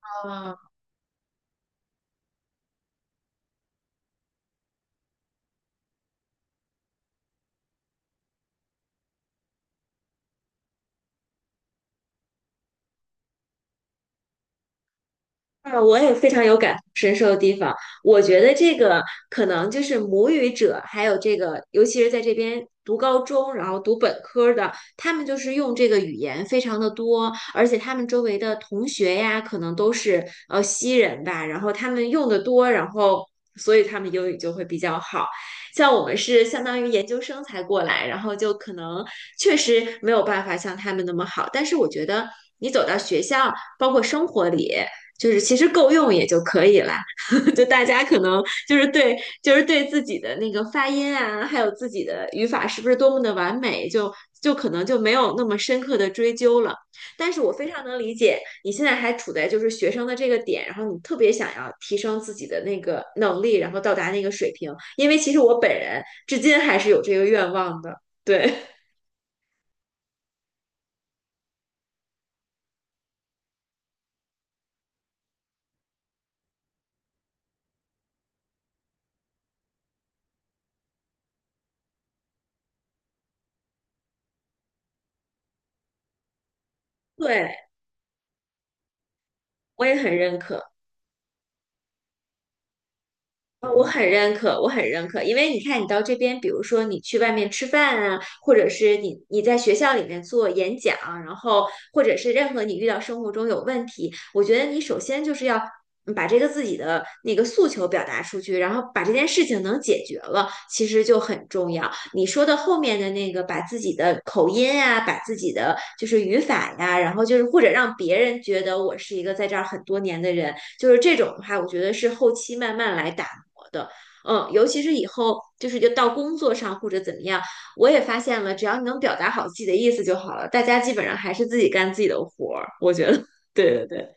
啊，啊！我也非常有感同身受的地方。我觉得这个可能就是母语者，还有这个，尤其是在这边读高中，然后读本科的，他们就是用这个语言非常的多，而且他们周围的同学呀，可能都是西人吧，然后他们用的多，然后所以他们英语就会比较好。像我们是相当于研究生才过来，然后就可能确实没有办法像他们那么好，但是我觉得你走到学校，包括生活里。就是其实够用也就可以啦，就大家可能就是对，就是对自己的那个发音啊，还有自己的语法是不是多么的完美，就可能就没有那么深刻的追究了。但是我非常能理解你现在还处在就是学生的这个点，然后你特别想要提升自己的那个能力，然后到达那个水平，因为其实我本人至今还是有这个愿望的。对，对，我也很认可。我很认可，我很认可，因为你看，你到这边，比如说你去外面吃饭啊，或者是你在学校里面做演讲，然后或者是任何你遇到生活中有问题，我觉得你首先就是要把这个自己的那个诉求表达出去，然后把这件事情能解决了，其实就很重要。你说的后面的那个，把自己的口音啊，把自己的就是语法呀，然后就是或者让别人觉得我是一个在这儿很多年的人，就是这种的话，我觉得是后期慢慢来打。活的。嗯，尤其是以后就是就到工作上或者怎么样，我也发现了，只要你能表达好自己的意思就好了，大家基本上还是自己干自己的活儿。我觉得，对对对。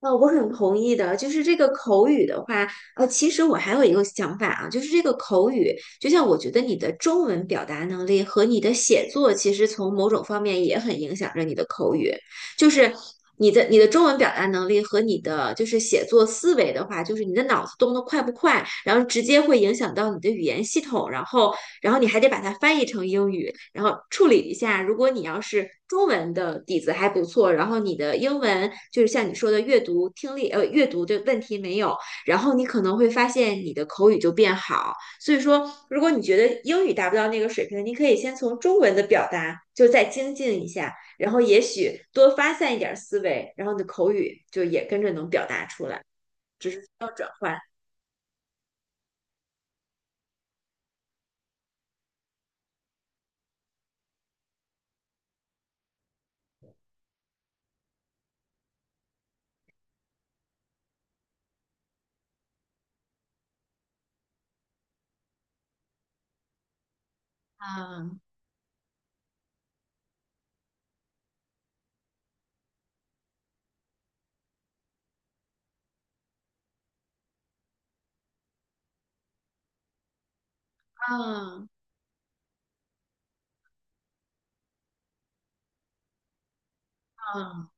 我很同意的，就是这个口语的话，其实我还有一个想法啊，就是这个口语，就像我觉得你的中文表达能力和你的写作，其实从某种方面也很影响着你的口语，就是你的中文表达能力和你的就是写作思维的话，就是你的脑子动得快不快，然后直接会影响到你的语言系统，然后你还得把它翻译成英语，然后处理一下。如果你要是中文的底子还不错，然后你的英文就是像你说的阅读、听力，阅读的问题没有，然后你可能会发现你的口语就变好。所以说，如果你觉得英语达不到那个水平，你可以先从中文的表达就再精进一下，然后也许多发散一点思维，然后你的口语就也跟着能表达出来，只是需要转换。啊嗯嗯。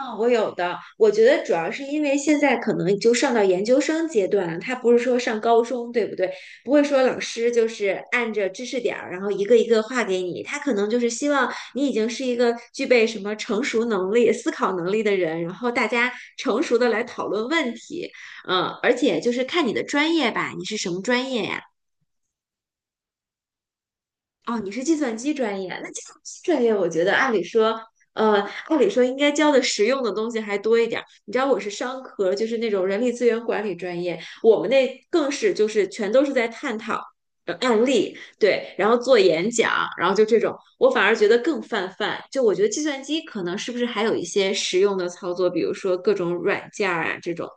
嗯，我有的，我觉得主要是因为现在可能就上到研究生阶段了，他不是说上高中，对不对？不会说老师就是按着知识点儿，然后一个一个画给你，他可能就是希望你已经是一个具备什么成熟能力、思考能力的人，然后大家成熟的来讨论问题，而且就是看你的专业吧，你是什么专业呀？哦，你是计算机专业，那计算机专业，我觉得按理说，呃，按理说应该教的实用的东西还多一点儿。你知道我是商科，就是那种人力资源管理专业，我们那更是就是全都是在探讨案例，对，然后做演讲，然后就这种，我反而觉得更泛泛。就我觉得计算机可能是不是还有一些实用的操作，比如说各种软件儿啊这种，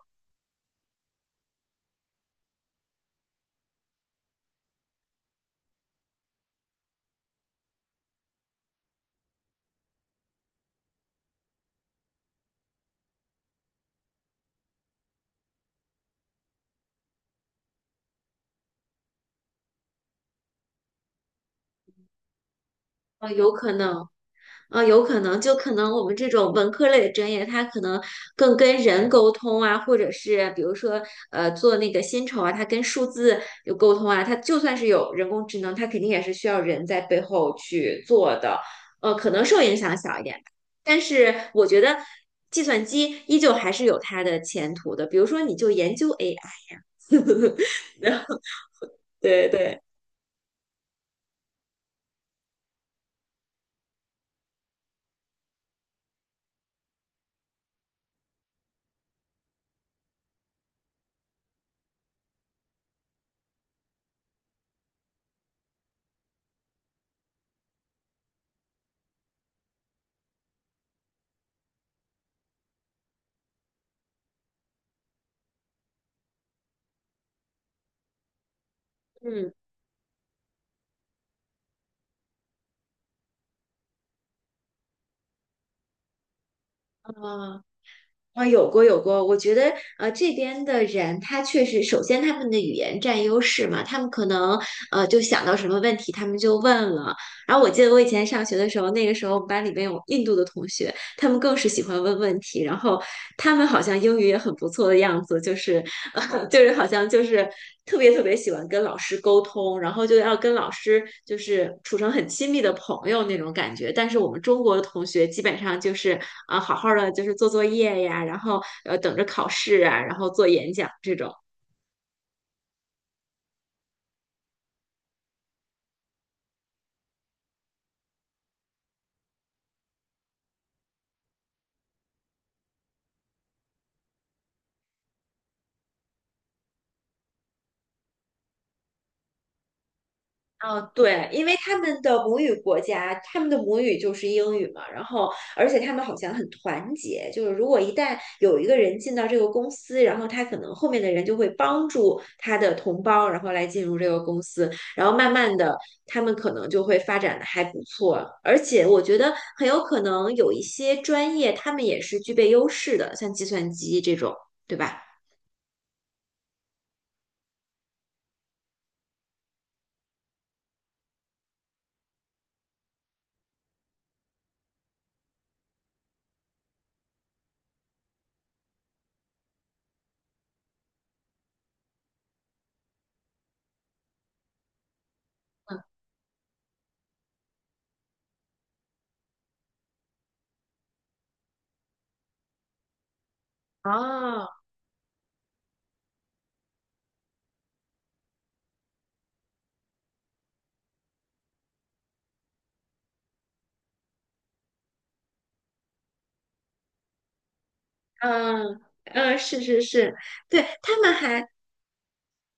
啊，有可能。啊，有可能就可能我们这种文科类的专业，它可能更跟人沟通啊，或者是比如说做那个薪酬啊，它跟数字有沟通啊，它就算是有人工智能，它肯定也是需要人在背后去做的，可能受影响小一点吧，但是我觉得计算机依旧还是有它的前途的，比如说你就研究 AI，对对。嗯啊。啊，有过有过，我觉得这边的人他确实，首先他们的语言占优势嘛，他们可能就想到什么问题他们就问了。然后我记得我以前上学的时候，那个时候我们班里面有印度的同学，他们更是喜欢问问题，然后他们好像英语也很不错的样子，就是 就是好像就是特别特别喜欢跟老师沟通，然后就要跟老师就是处成很亲密的朋友那种感觉。但是我们中国的同学基本上就是啊，好好的就是做作业呀，然后等着考试啊，然后做演讲这种。哦，对，因为他们的母语国家，他们的母语就是英语嘛，然后而且他们好像很团结，就是如果一旦有一个人进到这个公司，然后他可能后面的人就会帮助他的同胞，然后来进入这个公司，然后慢慢的他们可能就会发展的还不错，而且我觉得很有可能有一些专业他们也是具备优势的，像计算机这种，对吧？哦，嗯嗯，是是是，对，他们还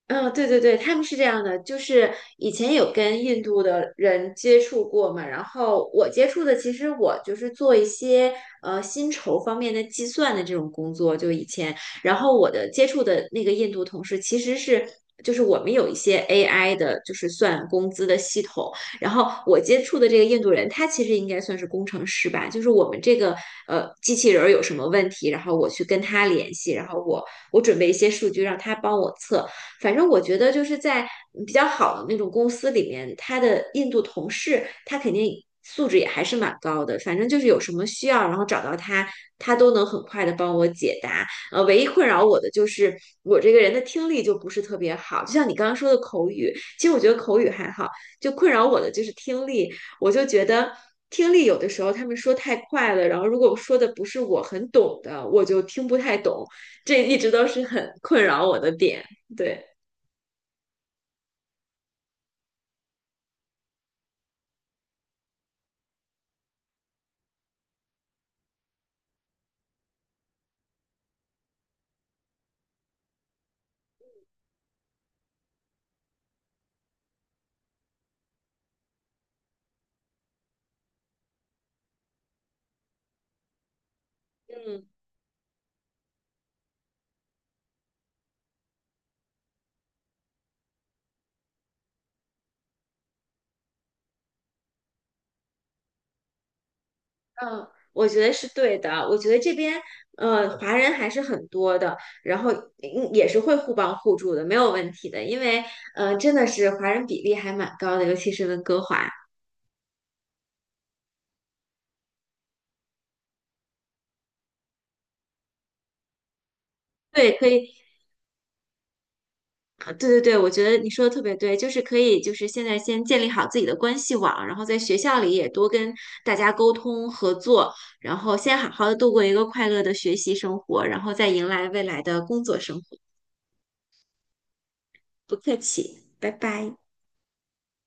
嗯，对对对，他们是这样的，就是以前有跟印度的人接触过嘛，然后我接触的其实我就是做一些薪酬方面的计算的这种工作，就以前，然后我的接触的那个印度同事其实是。就是我们有一些 AI 的，就是算工资的系统。然后我接触的这个印度人，他其实应该算是工程师吧。就是我们这个机器人儿有什么问题，然后我去跟他联系，然后我准备一些数据让他帮我测。反正我觉得就是在比较好的那种公司里面，他的印度同事他肯定素质也还是蛮高的。反正就是有什么需要，然后找到他，他都能很快的帮我解答。唯一困扰我的就是我这个人的听力就不是特别好，就像你刚刚说的口语，其实我觉得口语还好，就困扰我的就是听力，我就觉得。听力有的时候他们说太快了，然后如果说的不是我很懂的，我就听不太懂，这一直都是很困扰我的点。对，嗯，嗯我觉得是对的。我觉得这边华人还是很多的，然后也是会互帮互助的，没有问题的。因为真的是华人比例还蛮高的，尤其是温哥华。对，可以，啊对对对，我觉得你说的特别对，就是可以，就是现在先建立好自己的关系网，然后在学校里也多跟大家沟通合作，然后先好好的度过一个快乐的学习生活，然后再迎来未来的工作生活。不客气，拜拜。